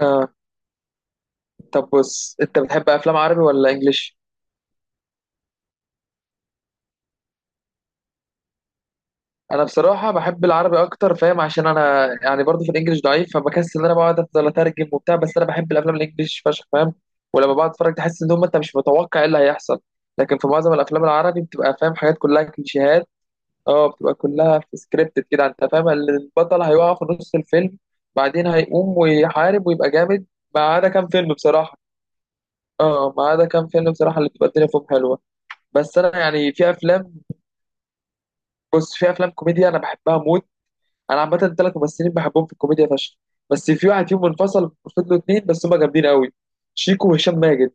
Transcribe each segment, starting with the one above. آه. طب بص، انت بتحب افلام عربي ولا انجليش؟ انا بصراحه بحب العربي اكتر، فاهم؟ عشان انا يعني برضو في الانجليش ضعيف، فبكسل ان انا بقعد افضل اترجم وبتاع. بس انا بحب الافلام الانجليش فشخ، فاهم؟ ولما بقعد اتفرج تحس ان هم انت مش متوقع ايه اللي هيحصل. لكن في معظم الافلام العربي بتبقى فاهم حاجات كلها كليشيهات. اه، بتبقى كلها في سكريبتد كده. انت فاهم البطل هيقع في نص الفيلم بعدين هيقوم ويحارب ويبقى جامد، ما عدا كام فيلم بصراحه. اه ما عدا كام فيلم بصراحه اللي بتبقى الدنيا فيهم حلوه. بس انا يعني في افلام، بص، في افلام كوميديا انا بحبها موت. انا عامه ثلاث ممثلين بحبهم في الكوميديا فشخ، بس في واحد فيهم منفصل، فضلوا اتنين بس هما جامدين قوي. شيكو وهشام ماجد،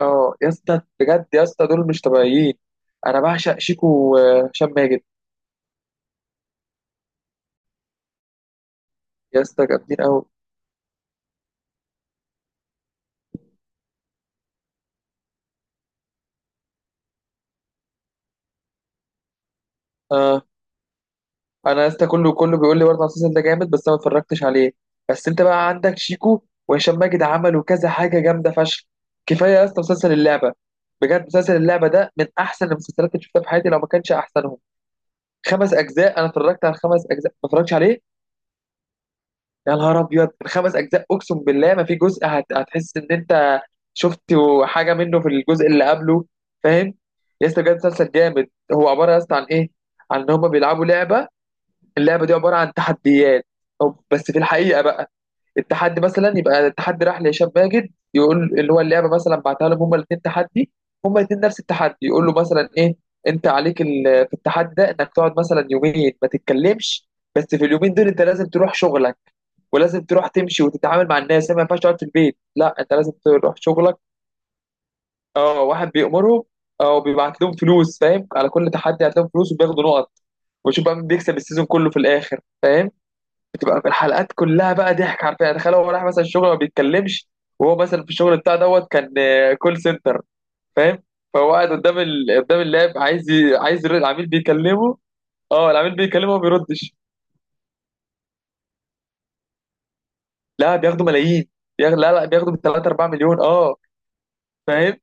اه يا اسطى، بجد يا اسطى دول مش طبيعيين. انا بعشق شيكو وهشام ماجد. يا اسطى جامدين قوي. اه، انا يا اسطى كله كله بيقول لي برضه على المسلسل ده جامد، بس انا ما اتفرجتش عليه. بس انت بقى عندك شيكو وهشام ماجد عملوا كذا حاجه جامده فشخ. كفايه يا اسطى مسلسل اللعبه. بجد مسلسل اللعبه ده من احسن المسلسلات اللي شفتها في حياتي، لو ما كانش احسنهم. خمس اجزاء، انا اتفرجت على خمس اجزاء، ما اتفرجتش عليه؟ يا نهار ابيض! الخمس اجزاء اقسم بالله ما في جزء هتحس ان انت شفت حاجه منه في الجزء اللي قبله، فاهم؟ يا اسطى بجد مسلسل جامد. هو عباره يا اسطى عن ايه؟ عن ان هم بيلعبوا لعبه. اللعبه دي عباره عن تحديات. بس في الحقيقه بقى، التحدي مثلا يبقى التحدي راح لهشام ماجد، يقول اللي هو اللعبه مثلا بعتها لهم هما الاثنين تحدي. هما الاثنين نفس التحدي. يقول له مثلا ايه؟ انت عليك في التحدي ده انك تقعد مثلا يومين ما تتكلمش، بس في اليومين دول انت لازم تروح شغلك، ولازم تروح تمشي وتتعامل مع الناس، ما ينفعش تقعد في البيت، لا انت لازم تروح شغلك. اه واحد بيأمرهم او بيبعت لهم فلوس، فاهم؟ على كل تحدي هتلاقيهم فلوس وبياخدوا نقط، وشوف بقى مين بيكسب السيزون كله في الاخر، فاهم؟ بتبقى في الحلقات كلها بقى ضحك حرفيا، يعني تخيل هو راح مثلا الشغل ما بيتكلمش، وهو مثلا في الشغل بتاع دوت كان كول سنتر، فاهم؟ فهو قاعد قدام قدام اللاب عايز عايز يرد، العميل بيكلمه. اه العميل بيكلمه ما بيردش. لا بياخدوا ملايين. لا لا بياخدوا ب 3 4 مليون. اه فاهم.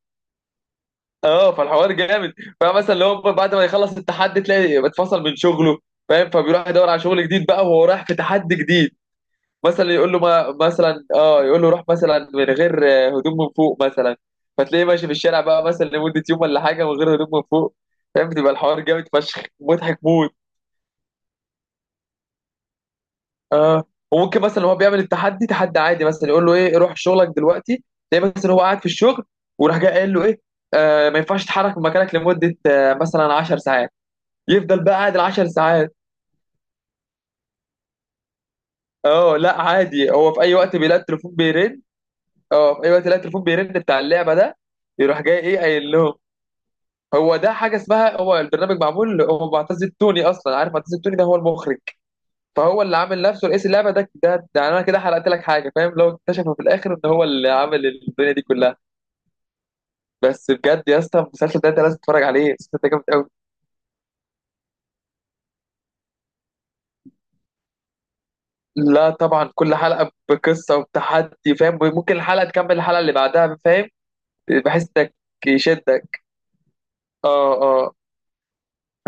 اه فالحوار جامد. فمثلا اللي هو بعد ما يخلص التحدي تلاقي اتفصل من شغله، فاهم؟ فبيروح يدور على شغل جديد بقى وهو رايح في تحدي جديد. مثلا يقول له، ما مثلا اه يقول له روح مثلا من غير هدوم من فوق مثلا. فتلاقيه ماشي في الشارع بقى مثلا لمدة يوم ولا حاجة من غير هدوم من فوق، فاهم؟ بتبقى الحوار جامد فشخ، مضحك موت. اه. وممكن مثلا هو بيعمل التحدي تحدي عادي، مثلا يقول له ايه؟ روح شغلك دلوقتي. تلاقيه مثلا هو قاعد في الشغل، وراح جاي قايل له ايه؟ آه ما ينفعش تتحرك من مكانك لمدة مثلا 10 ساعات. يفضل بقى قاعد ال 10 ساعات. اه لا عادي، هو في اي وقت بيلاقي التليفون بيرن. اه في اي وقت يلاقي التليفون بيرن بتاع اللعبة ده. يروح جاي ايه قايل لهم؟ هو ده حاجه اسمها، هو البرنامج معمول، هو معتز التوني اصلا، عارف معتز التوني ده؟ هو المخرج. فهو اللي عامل نفسه رئيس اللعبه. ده انا كده حرقت لك حاجه، فاهم؟ لو اكتشفوا في الاخر ان هو اللي عامل الدنيا دي كلها. بس بجد يا اسطى المسلسل ده انت لازم تتفرج عليه، المسلسل ده جامد قوي. لا طبعا كل حلقه بقصه وبتحدي، فاهم؟ ممكن الحلقه تكمل الحلقه اللي بعدها، فاهم؟ بحيث انك يشدك. اه اه.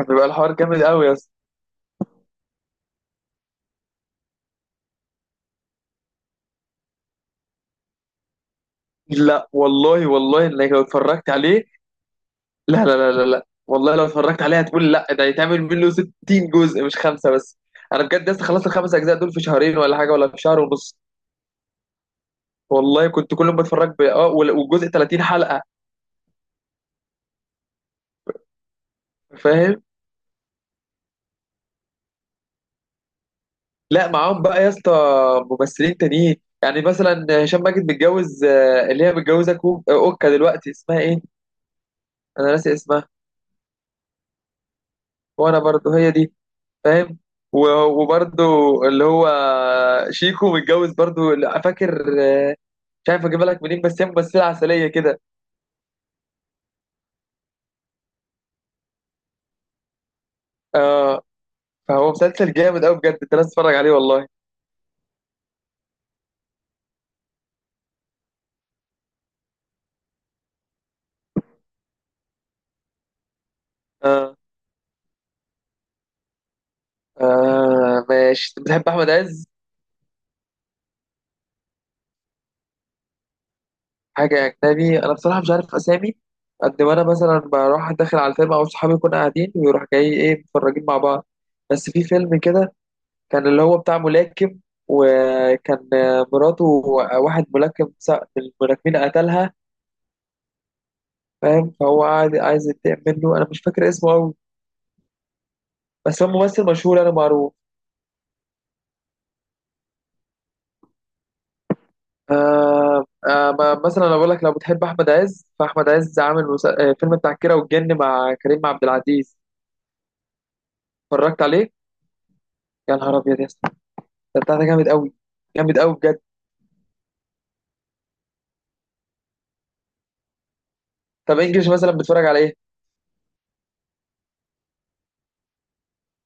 بيبقى الحوار جامد قوي يا اسطى. لا والله، والله انك لو اتفرجت عليه. لا لا لا لا لا والله، لو اتفرجت عليها هتقول لا ده يتعمل منه 60 جزء مش خمسة بس. انا بجد لسه خلصت الخمس اجزاء دول في شهرين ولا حاجة ولا في شهر ونص. والله كنت كل ما اتفرج والجزء 30 حلقة، فاهم. لا معاهم بقى يا اسطى ممثلين تانيين. يعني مثلا هشام ماجد متجوز اللي هي متجوزة كو... آه، اوكا دلوقتي، اسمها ايه؟ انا ناسي اسمها. وانا برضو هي دي، فاهم. و- وبرضه اللي هو شيكو متجوز برضه. لا، فاكر مش عارف اجيبها لك منين، بس هي ممثله عسليه كده. اه. فهو مسلسل جامد قوي بجد، انت لازم تتفرج عليه والله. اه. آه ماشي، أنت بتحب احمد عز؟ حاجه اجنبي؟ انا بصراحه مش عارف اسامي، قد ما انا مثلا بروح داخل على الفيلم او صحابي يكونوا قاعدين ويروح جاي ايه متفرجين مع بعض. بس في فيلم كده، كان اللي هو بتاع ملاكم، وكان مراته واحد ملاكم من الملاكمين قتلها، فاهم؟ فهو قاعد عايز ينتقم منه. انا مش فاكر اسمه قوي، بس هو ممثل مشهور انا معروف. آه. آه مثلا انا بقول لك لو بتحب احمد عز، فاحمد عز عامل فيلم بتاع الكيرة والجن مع كريم عبد العزيز، اتفرجت عليه؟ يا نهار ابيض يا اسطى، ده بتاع ده جامد قوي. جامد قوي بجد. طب انجلش مثلا بتتفرج على ايه؟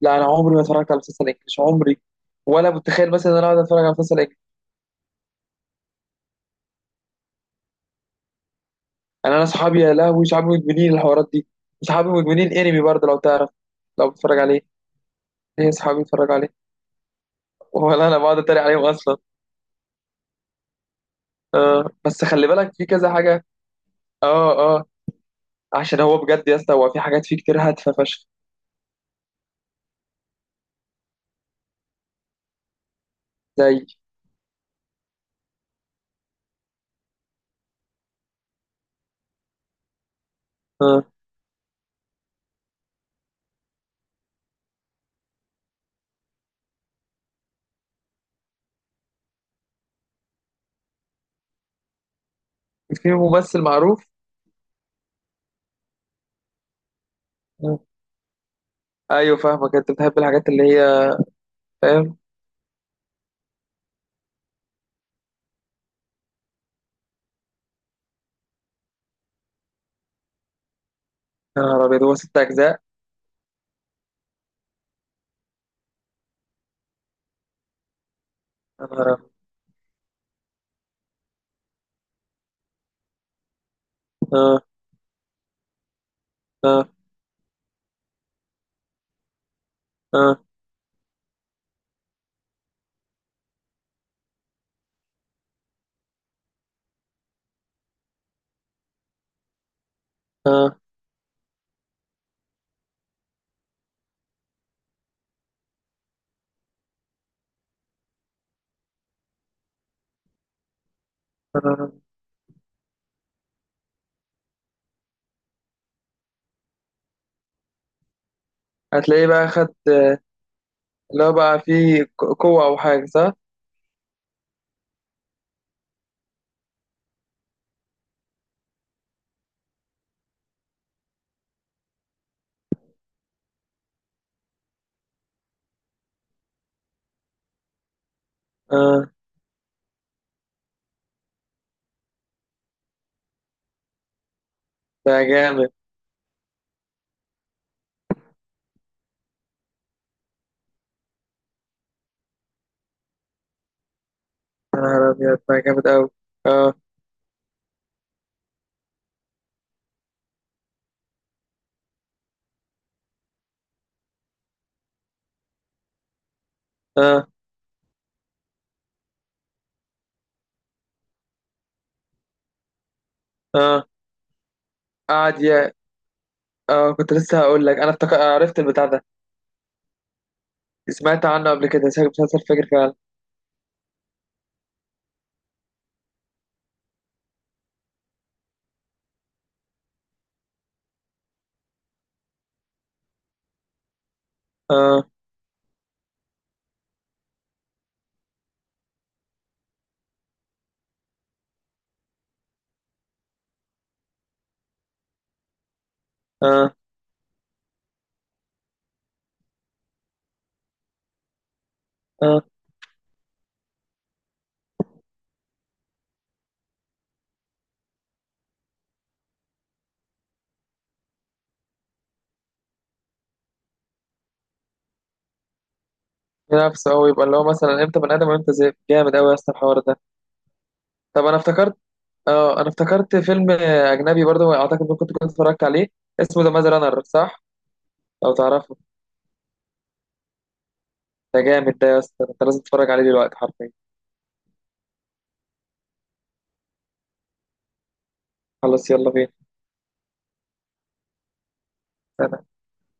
لا انا عمري ما اتفرجت على مسلسل انجلش عمري، ولا متخيل مثلا ان انا اقعد اتفرج على مسلسل. انا صحابي يا لهوي، صحابي مدمنين الحوارات دي. صحابي مدمنين انمي برضه، لو تعرف، لو بتتفرج عليه. ليه صحابي بيتفرجوا عليه، ولا انا بقعد اتريق عليهم اصلا. آه بس خلي بالك في كذا حاجه. اه اه. عشان هو بجد يا اسطى هو في حاجات فيه كتير هادفه فشخ. زي. اه. في ممثل معروف؟ آه. ايوه فاهمك، انت بتحب الحاجات اللي هي. فاهم. يا نهار ابيض هو ست اجزاء! يا نهار أبيض. اه اه اه اه. آه. هتلاقيه بقى خد. اللي هو بقى فيه قوه او حاجه صح؟ اه ده جامد. يا نهار أبيض ده جامد أوي. أه أه أه. قعد يا. أه كنت لسه هقول لك، أنا افتكر عرفت البتاع ده. سمعت عنه قبل كده، شكل مسلسل فجر فعلا. أه أه أه. نفسه أوي يبقى اللي هو مثلا إمتى بني آدم وإمتى ذئب. جامد أوي يا اسطى الحوار ده. طب أنا افتكرت. أه أنا افتكرت فيلم أجنبي برضه، أعتقد إنك كنت اتفرجت عليه، اسمه ذا ماز رانر، صح؟ لو تعرفه. ده جامد ده يا اسطى، أنت لازم تتفرج عليه دلوقتي حرفيا. خلاص يلا بينا.